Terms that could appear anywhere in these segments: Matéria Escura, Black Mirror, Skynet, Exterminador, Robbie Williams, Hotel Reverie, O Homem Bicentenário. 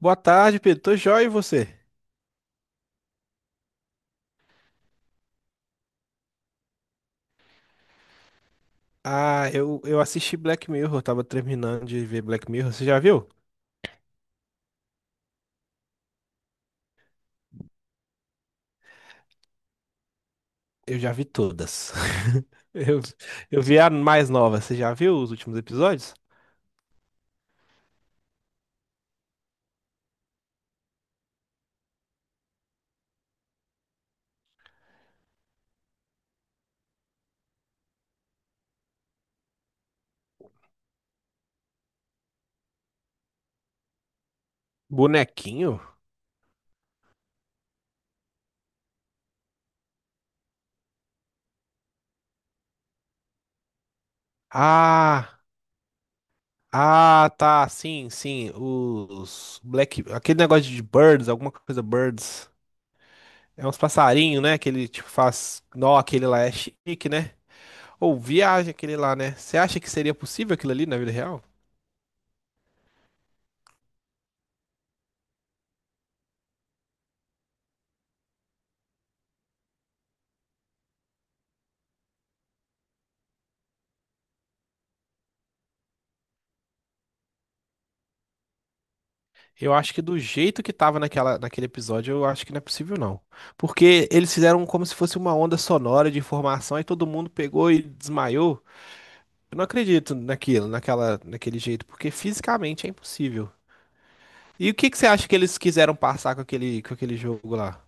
Boa tarde, Pedro. Tô joia e você? Ah, eu assisti Black Mirror, eu tava terminando de ver Black Mirror. Você já viu? Eu já vi todas. Eu, eu vi a mais nova. Você já viu os últimos episódios? Bonequinho? Ah, ah, tá. Sim, sim. Os Black. Aquele negócio de birds, alguma coisa birds. É uns passarinhos, né? Que ele tipo faz. Não, aquele lá é chique, né? Ou viagem aquele lá, né? Você acha que seria possível aquilo ali na vida real? Eu acho que do jeito que tava naquele episódio, eu acho que não é possível, não. Porque eles fizeram como se fosse uma onda sonora de informação e todo mundo pegou e desmaiou. Eu não acredito naquilo, naquele jeito, porque fisicamente é impossível. E o que que você acha que eles quiseram passar com com aquele jogo lá?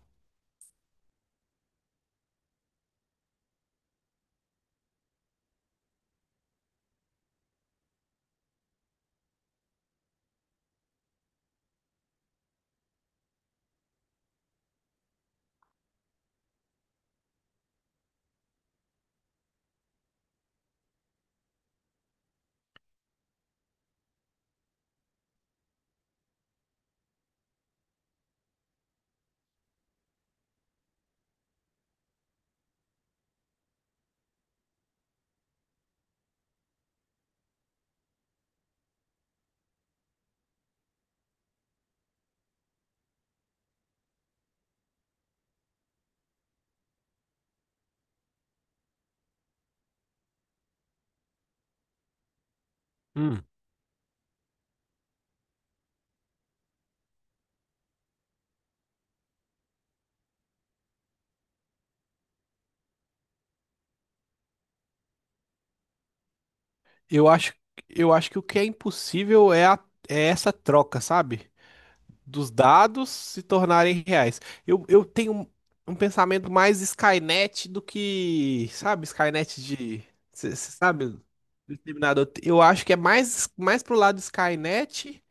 Hum. Eu acho, eu acho que o que é impossível é, é essa troca, sabe? Dos dados se tornarem reais. Eu tenho um pensamento mais Skynet do que, sabe, Skynet de, cê sabe, do Exterminador. Eu acho que é mais pro lado Skynet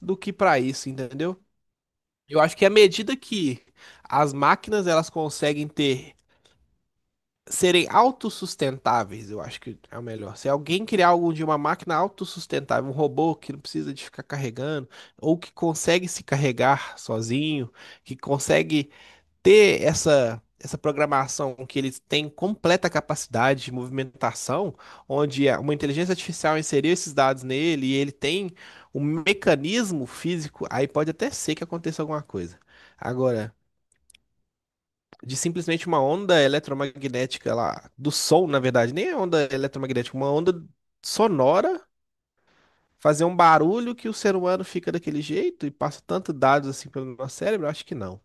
do que para isso, entendeu? Eu acho que à medida que as máquinas elas conseguem ter serem autossustentáveis, eu acho que é o melhor. Se alguém criar algo de uma máquina autossustentável, um robô que não precisa de ficar carregando, ou que consegue se carregar sozinho, que consegue ter essa programação que ele tem completa capacidade de movimentação, onde uma inteligência artificial inseriu esses dados nele e ele tem um mecanismo físico, aí pode até ser que aconteça alguma coisa. Agora, de simplesmente uma onda eletromagnética lá, do som, na verdade, nem é onda eletromagnética, uma onda sonora, fazer um barulho que o ser humano fica daquele jeito e passa tanto dados assim pelo nosso cérebro? Eu acho que não.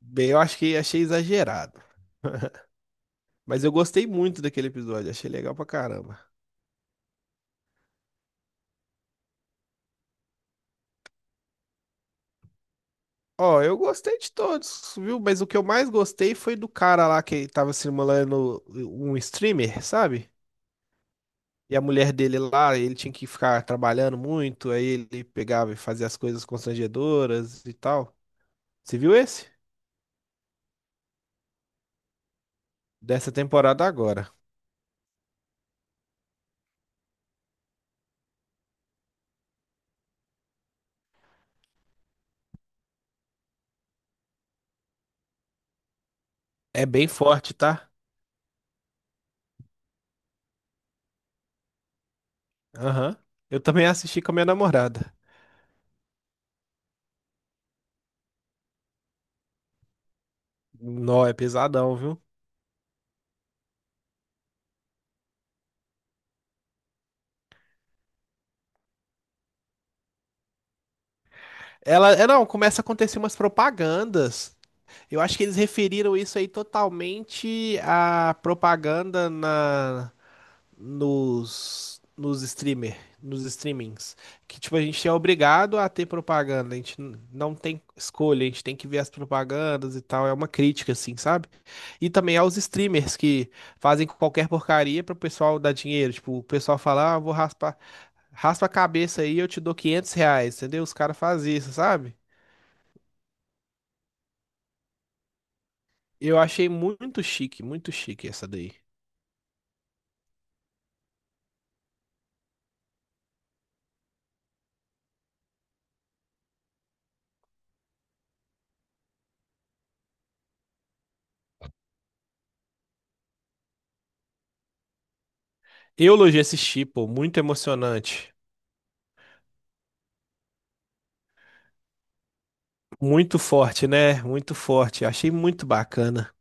Bem, eu acho que achei exagerado. Mas eu gostei muito daquele episódio, achei legal pra caramba. Ó, eu gostei de todos, viu? Mas o que eu mais gostei foi do cara lá que tava simulando um streamer, sabe? E a mulher dele lá, ele tinha que ficar trabalhando muito, aí ele pegava e fazia as coisas constrangedoras e tal. Você viu esse? Dessa temporada agora. É bem forte, tá? Aham. Eu também assisti com a minha namorada. Nó, é pesadão, viu? Ela, é, não, começa a acontecer umas propagandas. Eu acho que eles referiram isso aí totalmente à propaganda na nos, nos streamer, nos streamings. Que, tipo, a gente é obrigado a ter propaganda, a gente não tem escolha, a gente tem que ver as propagandas e tal. É uma crítica, assim, sabe? E também aos streamers que fazem qualquer porcaria pro pessoal dar dinheiro. Tipo, o pessoal fala, ah, eu vou raspar, raspa a cabeça aí, eu te dou 500 reais, entendeu? Os caras fazem isso, sabe? Eu achei muito chique essa daí. Eu elogiei esse tipo, muito emocionante. Muito forte, né? Muito forte. Achei muito bacana.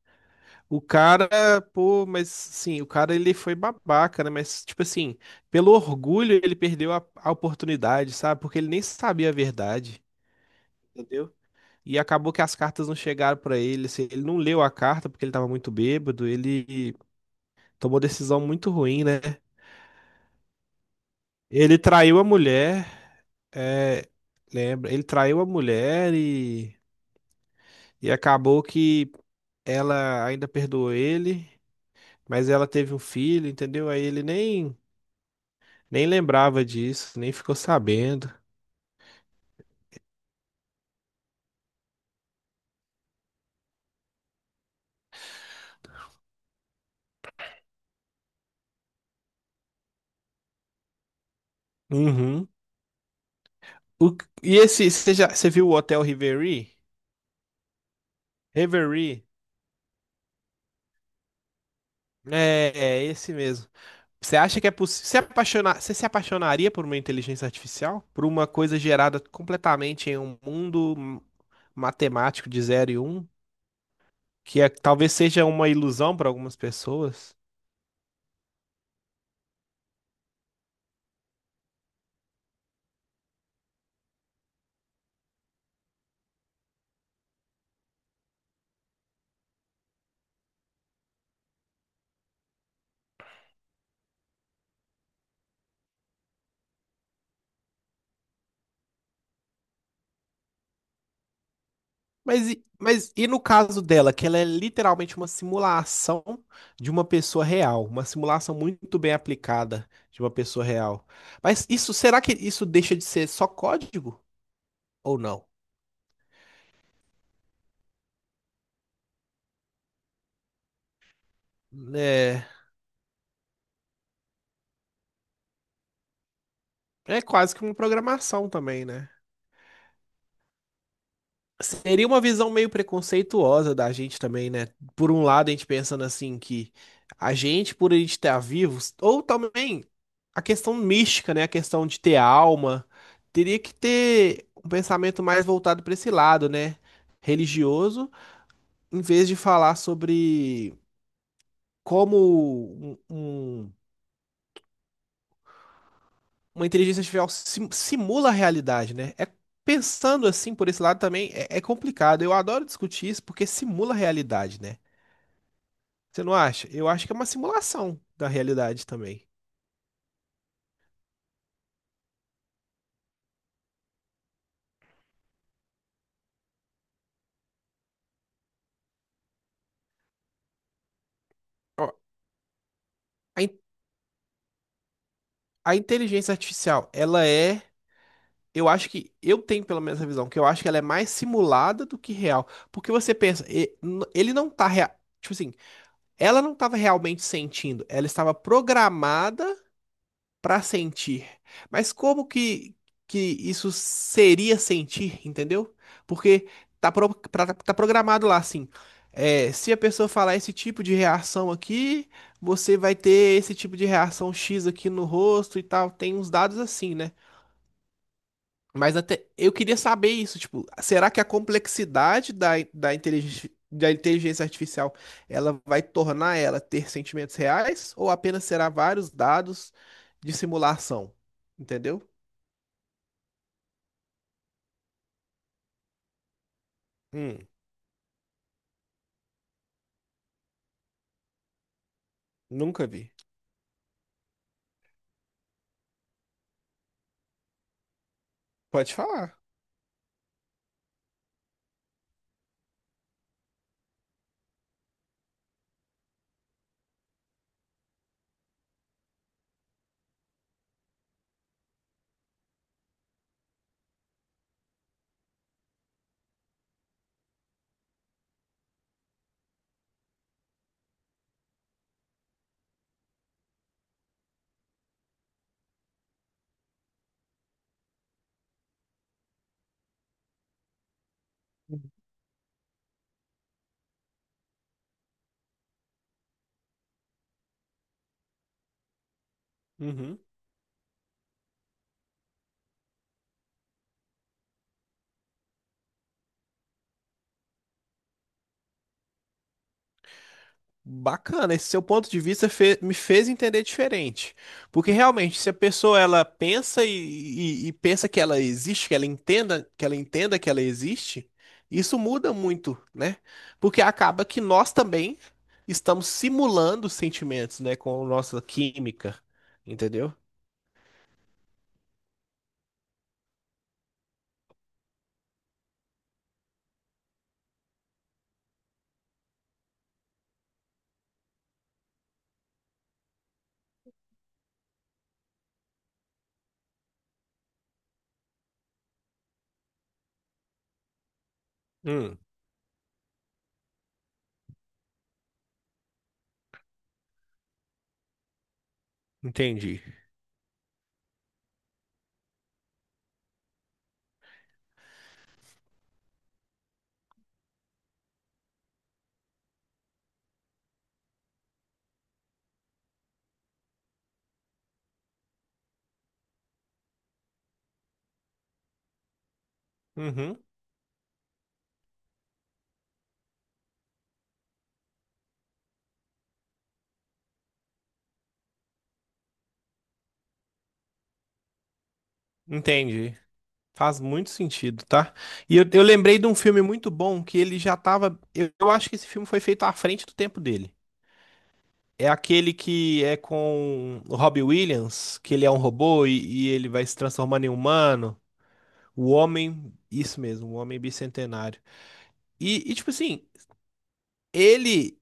O cara, pô, mas sim, o cara ele foi babaca, né? Mas, tipo assim, pelo orgulho ele perdeu a oportunidade, sabe? Porque ele nem sabia a verdade, entendeu? E acabou que as cartas não chegaram pra ele. Assim, ele não leu a carta porque ele tava muito bêbado. Ele tomou decisão muito ruim, né? Ele traiu a mulher, é, lembra? Ele traiu a mulher e acabou que ela ainda perdoou ele. Mas ela teve um filho, entendeu? Aí ele nem, nem lembrava disso, nem ficou sabendo. Uhum. O- e esse, você já, você viu o Hotel Reverie? Reverie? É, é esse mesmo. Você acha que é possível? Se apaixonar, você se apaixonaria por uma inteligência artificial? Por uma coisa gerada completamente em um mundo matemático de zero e um, que é- talvez seja uma ilusão para algumas pessoas? Mas, mas e no caso dela, que ela é literalmente uma simulação de uma pessoa real, uma simulação muito bem aplicada de uma pessoa real. Mas isso, será que isso deixa de ser só código ou não? É, é quase que uma programação também, né? Seria uma visão meio preconceituosa da gente também, né? Por um lado, a gente pensando assim que a gente, por a gente estar vivos, ou também a questão mística, né? A questão de ter alma, teria que ter um pensamento mais voltado para esse lado, né? Religioso, em vez de falar sobre como um- uma inteligência artificial simula a realidade, né? Pensando assim por esse lado também é complicado. Eu adoro discutir isso porque simula a realidade, né? Você não acha? Eu acho que é uma simulação da realidade também. Ó, A, in- a inteligência artificial, ela é. Eu acho que. Eu tenho pelo menos essa visão, que eu acho que ela é mais simulada do que real. Porque você pensa, ele não tá. Tipo assim, ela não estava realmente sentindo, ela estava programada para sentir. Mas que isso seria sentir, entendeu? Porque tá, tá programado lá assim. É, se a pessoa falar esse tipo de reação aqui, você vai ter esse tipo de reação X aqui no rosto e tal. Tem uns dados assim, né? Mas até eu queria saber isso, tipo, será que a complexidade da inteligência artificial ela vai tornar ela ter sentimentos reais ou apenas será vários dados de simulação? Entendeu? Hum, nunca vi. Pode falar. Uhum. Bacana, esse seu ponto de vista me fez entender diferente. Porque realmente, se a pessoa ela pensa e, e pensa que ela existe, que ela entenda que ela existe, isso muda muito, né? Porque acaba que nós também estamos simulando sentimentos, né, com a nossa química, entendeu? Hum, entendi. Uhum, entendi. Faz muito sentido, tá? E eu lembrei de um filme muito bom que ele já tava. Eu acho que esse filme foi feito à frente do tempo dele. É aquele que é com o Robbie Williams, que ele é um robô e ele vai se transformando em humano. O homem, isso mesmo, o homem bicentenário. E, tipo assim, ele,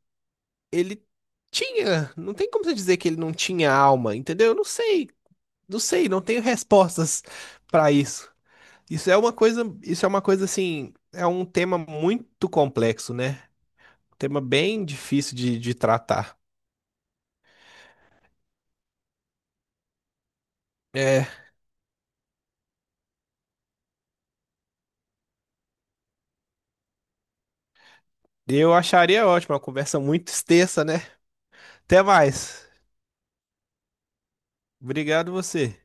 ele tinha, não tem como você dizer que ele não tinha alma, entendeu? Eu não sei, não sei, não tenho respostas pra isso. Isso é uma coisa, isso é uma coisa assim, é um tema muito complexo, né? Um tema bem difícil de tratar. É, eu acharia ótimo, uma conversa muito extensa, né? Até mais. Obrigado você.